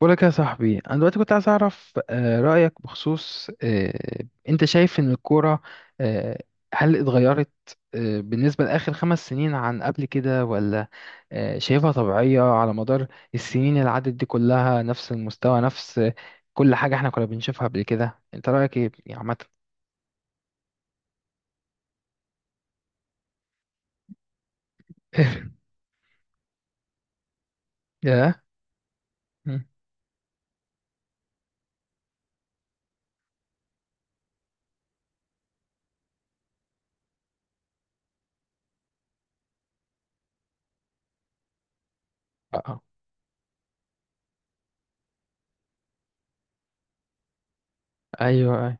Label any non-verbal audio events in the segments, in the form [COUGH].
بقولك يا صاحبي انا دلوقتي كنت عايز اعرف رايك بخصوص انت شايف ان الكوره آه، هل اتغيرت بالنسبه لاخر خمس سنين عن قبل كده، ولا شايفها طبيعيه على مدار السنين اللي عدت دي كلها، نفس المستوى، نفس كل حاجه احنا كنا بنشوفها قبل كده. انت رايك ايه يعني عامه؟ [LAUGHS] ياه. مم. آه. آه. ايوه آه.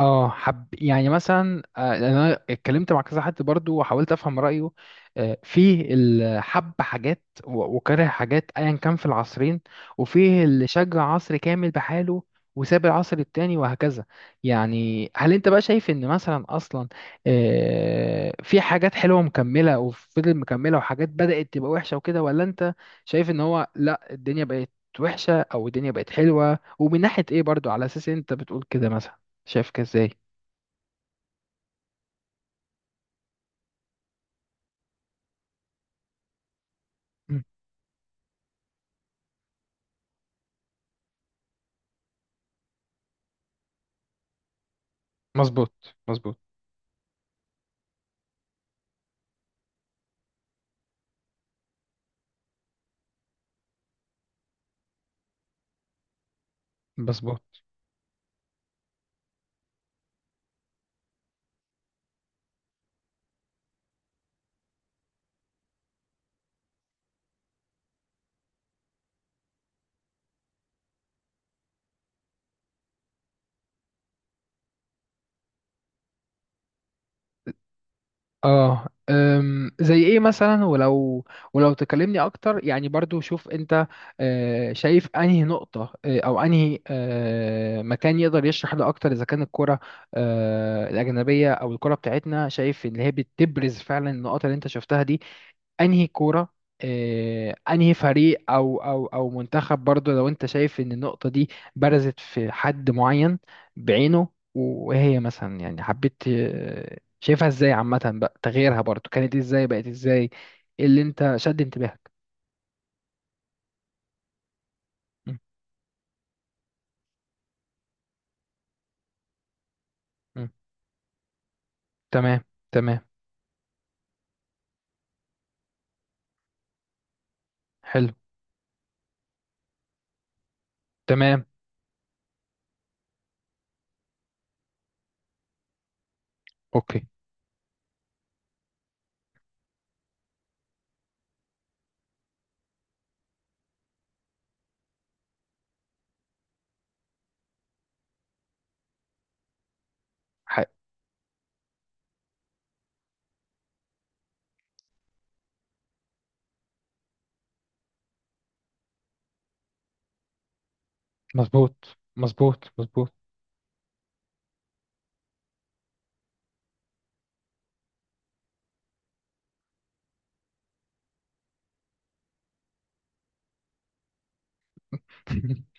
اه، حب يعني مثلا يعني انا اتكلمت مع كذا حد برضو وحاولت افهم رايه. في الحب حاجات و- وكره حاجات، ايا كان في العصرين. وفيه اللي شجع عصر كامل بحاله وساب العصر التاني، وهكذا. يعني هل انت بقى شايف ان مثلا اصلا في حاجات حلوة مكملة وفضل مكملة، وحاجات بدأت تبقى وحشة وكده، ولا انت شايف ان هو لا، الدنيا بقت وحشة او الدنيا بقت حلوة؟ ومن ناحية ايه برضو، على اساس انت بتقول كده؟ مثلا شايفك ازاي؟ مم. مظبوط مظبوط. بس اه زي ايه مثلا؟ ولو تكلمني اكتر يعني برضو، شوف انت شايف انهي نقطة، او انهي مكان يقدر يشرح ده اكتر، اذا كان الكرة الاجنبية او الكرة بتاعتنا، شايف ان هي بتبرز فعلا النقط اللي انت شفتها دي؟ انهي كورة، انهي فريق او منتخب؟ برضو لو انت شايف ان النقطة دي برزت في حد معين بعينه. وهي مثلا يعني حبيت. شايفها ازاي عامة بقى، تغييرها برضو كانت ازاي بقت ازاي؟ ايه اللي انت شد انتباهك؟ مم. مم. تمام. تمام. حلو. تمام. اوكي. حي. مظبوط مظبوط مظبوط. [LAUGHS]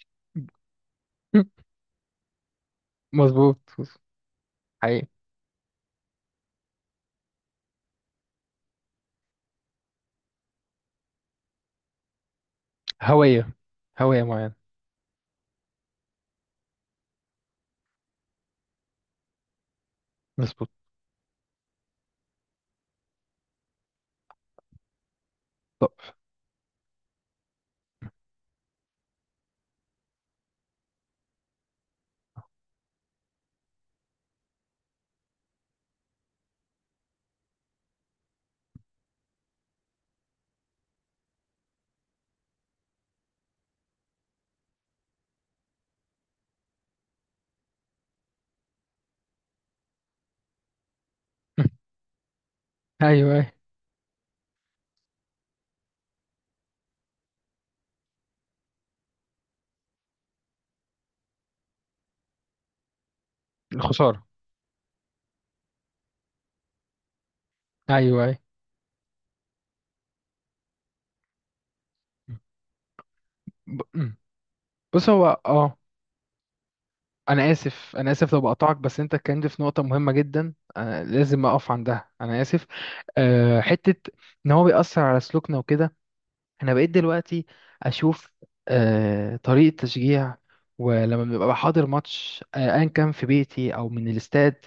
مظبوط. حقيقي. هوية. هوية معينة. مظبوط. طب. [LAUGHS] مم. ايوه أيوة. الخسارة. ايوه أيوة. مم. بص هو انا اسف، انا اسف لو بقطعك، بس انت اتكلمت في نقطه مهمه جدا أنا لازم اقف عندها. انا اسف. حته ان هو بيأثر على سلوكنا وكده، انا بقيت دلوقتي اشوف طريقه تشجيع، ولما ببقى حاضر ماتش ايا كان في بيتي او من الاستاد،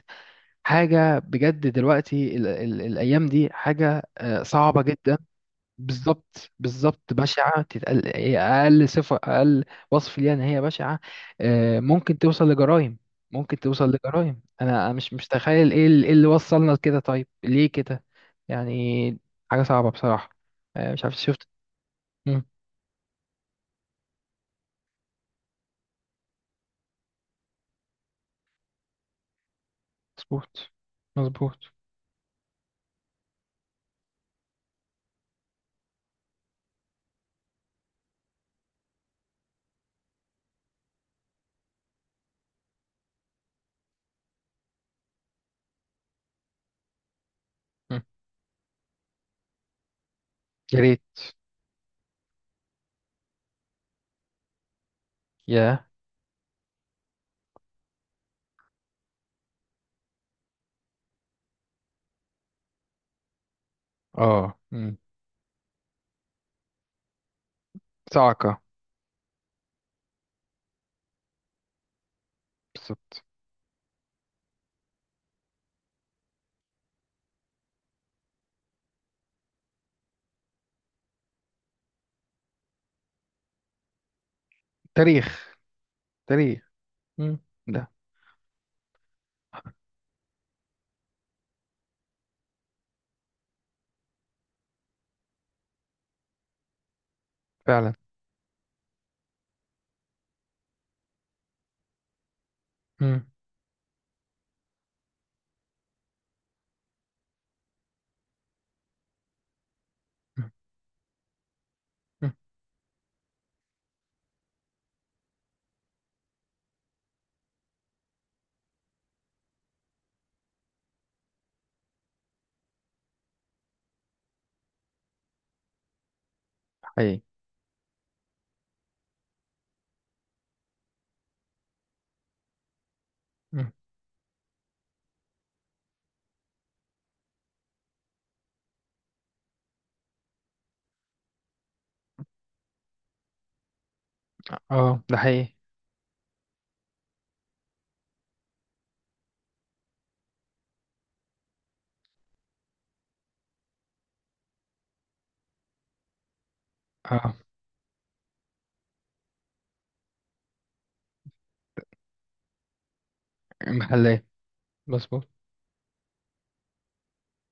حاجه بجد. دلوقتي ال ال الايام دي حاجه صعبه جدا. بالظبط بالظبط، بشعة، تتقل إيه، أقل صفة، أقل وصف ليها إن هي بشعة. ممكن توصل لجرائم، ممكن توصل لجرائم. أنا مش متخيل إيه اللي وصلنا لكده. طيب ليه كده؟ يعني حاجة صعبة بصراحة. مش عارف، شفت؟ مم، مظبوط مظبوط. مم. يا ريت. يا آه مم. صعقة. بالظبط. تاريخ. تاريخ. مم. ده فعلا. مم. مم. مم. حقيقي. مم. آه، ده حقيقي. آه، محلات. مظبوط.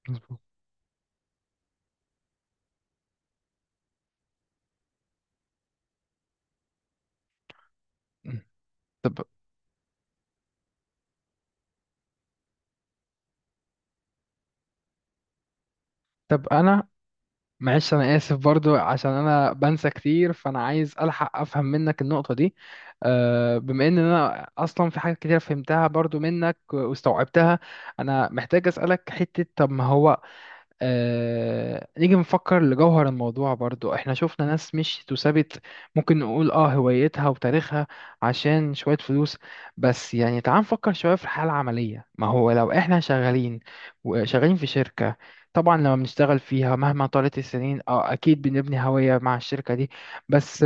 مظبوط. مم. طب. طب انا، معلش انا اسف برضو عشان انا بنسى كتير، فانا عايز الحق افهم منك النقطة دي. بما ان انا اصلا في حاجات كتير فهمتها برضو منك واستوعبتها، انا محتاج اسألك حتة. طب ما هو نيجي نفكر لجوهر الموضوع. برضو احنا شفنا ناس مش تثبت، ممكن نقول هوايتها وتاريخها عشان شوية فلوس. بس يعني تعال نفكر شوية في الحالة العملية. ما هو لو احنا شغالين، وشغالين في شركة، طبعا لما بنشتغل فيها مهما طالت السنين، اكيد بنبني هوية مع الشركة دي. بس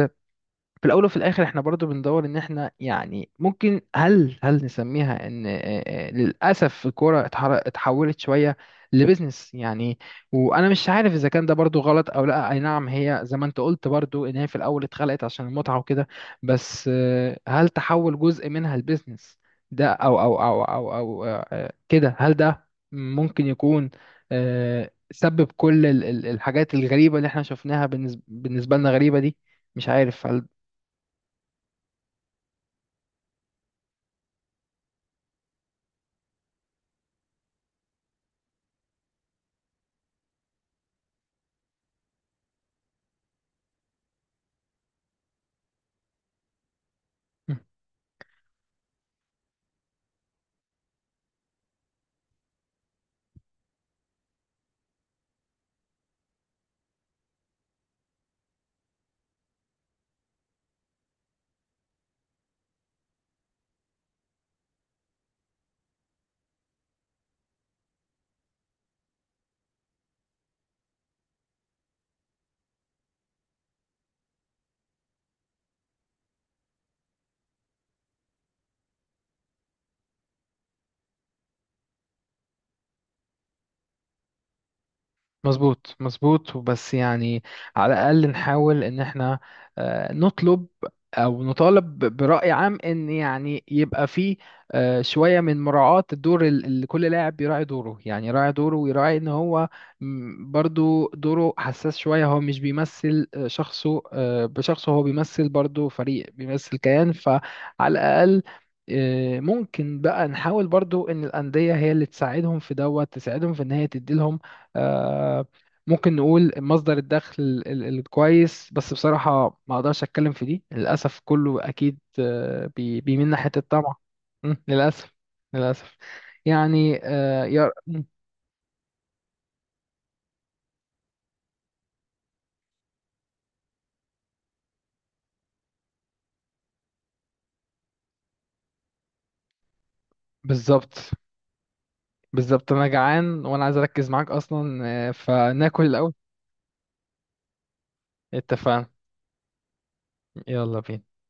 في الاول وفي الاخر احنا برضو بندور ان احنا يعني ممكن، هل نسميها ان للاسف الكوره اتحولت شويه لبزنس يعني. وانا مش عارف اذا كان ده برضو غلط او لا. اي نعم، هي زي ما انت قلت برضو ان هي في الاول اتخلقت عشان المتعه وكده، بس هل تحول جزء منها لبزنس ده او كده، هل ده ممكن يكون سبب كل الحاجات الغريبه اللي احنا شفناها، بالنسبه لنا غريبه دي؟ مش عارف، هل. مم. مظبوط مظبوط. وبس يعني، على الأقل نحاول إن احنا نطلب أو نطالب ب- برأي عام إن يعني يبقى فيه شوية من مراعاة الدور، اللي كل لاعب يراعي دوره. يعني يراعي دوره ويراعي إن هو برضو دوره حساس شوية. هو مش بيمثل شخصه بشخصه، هو بيمثل برضو فريق، بيمثل كيان. فعلى الأقل ممكن بقى نحاول برضو إن الأندية هي اللي تساعدهم في إن هي تديلهم آه، ممكن نقول مصدر الدخل الكويس. بس بصراحة ما اقدرش اتكلم في دي، للأسف كله اكيد بيميل حتة الطمع. للأسف للأسف. يعني يا مم، بالظبط بالظبط، انا جعان وانا عايز اركز معاك اصلا. فناكل الاول. اتفقنا. يلا بينا.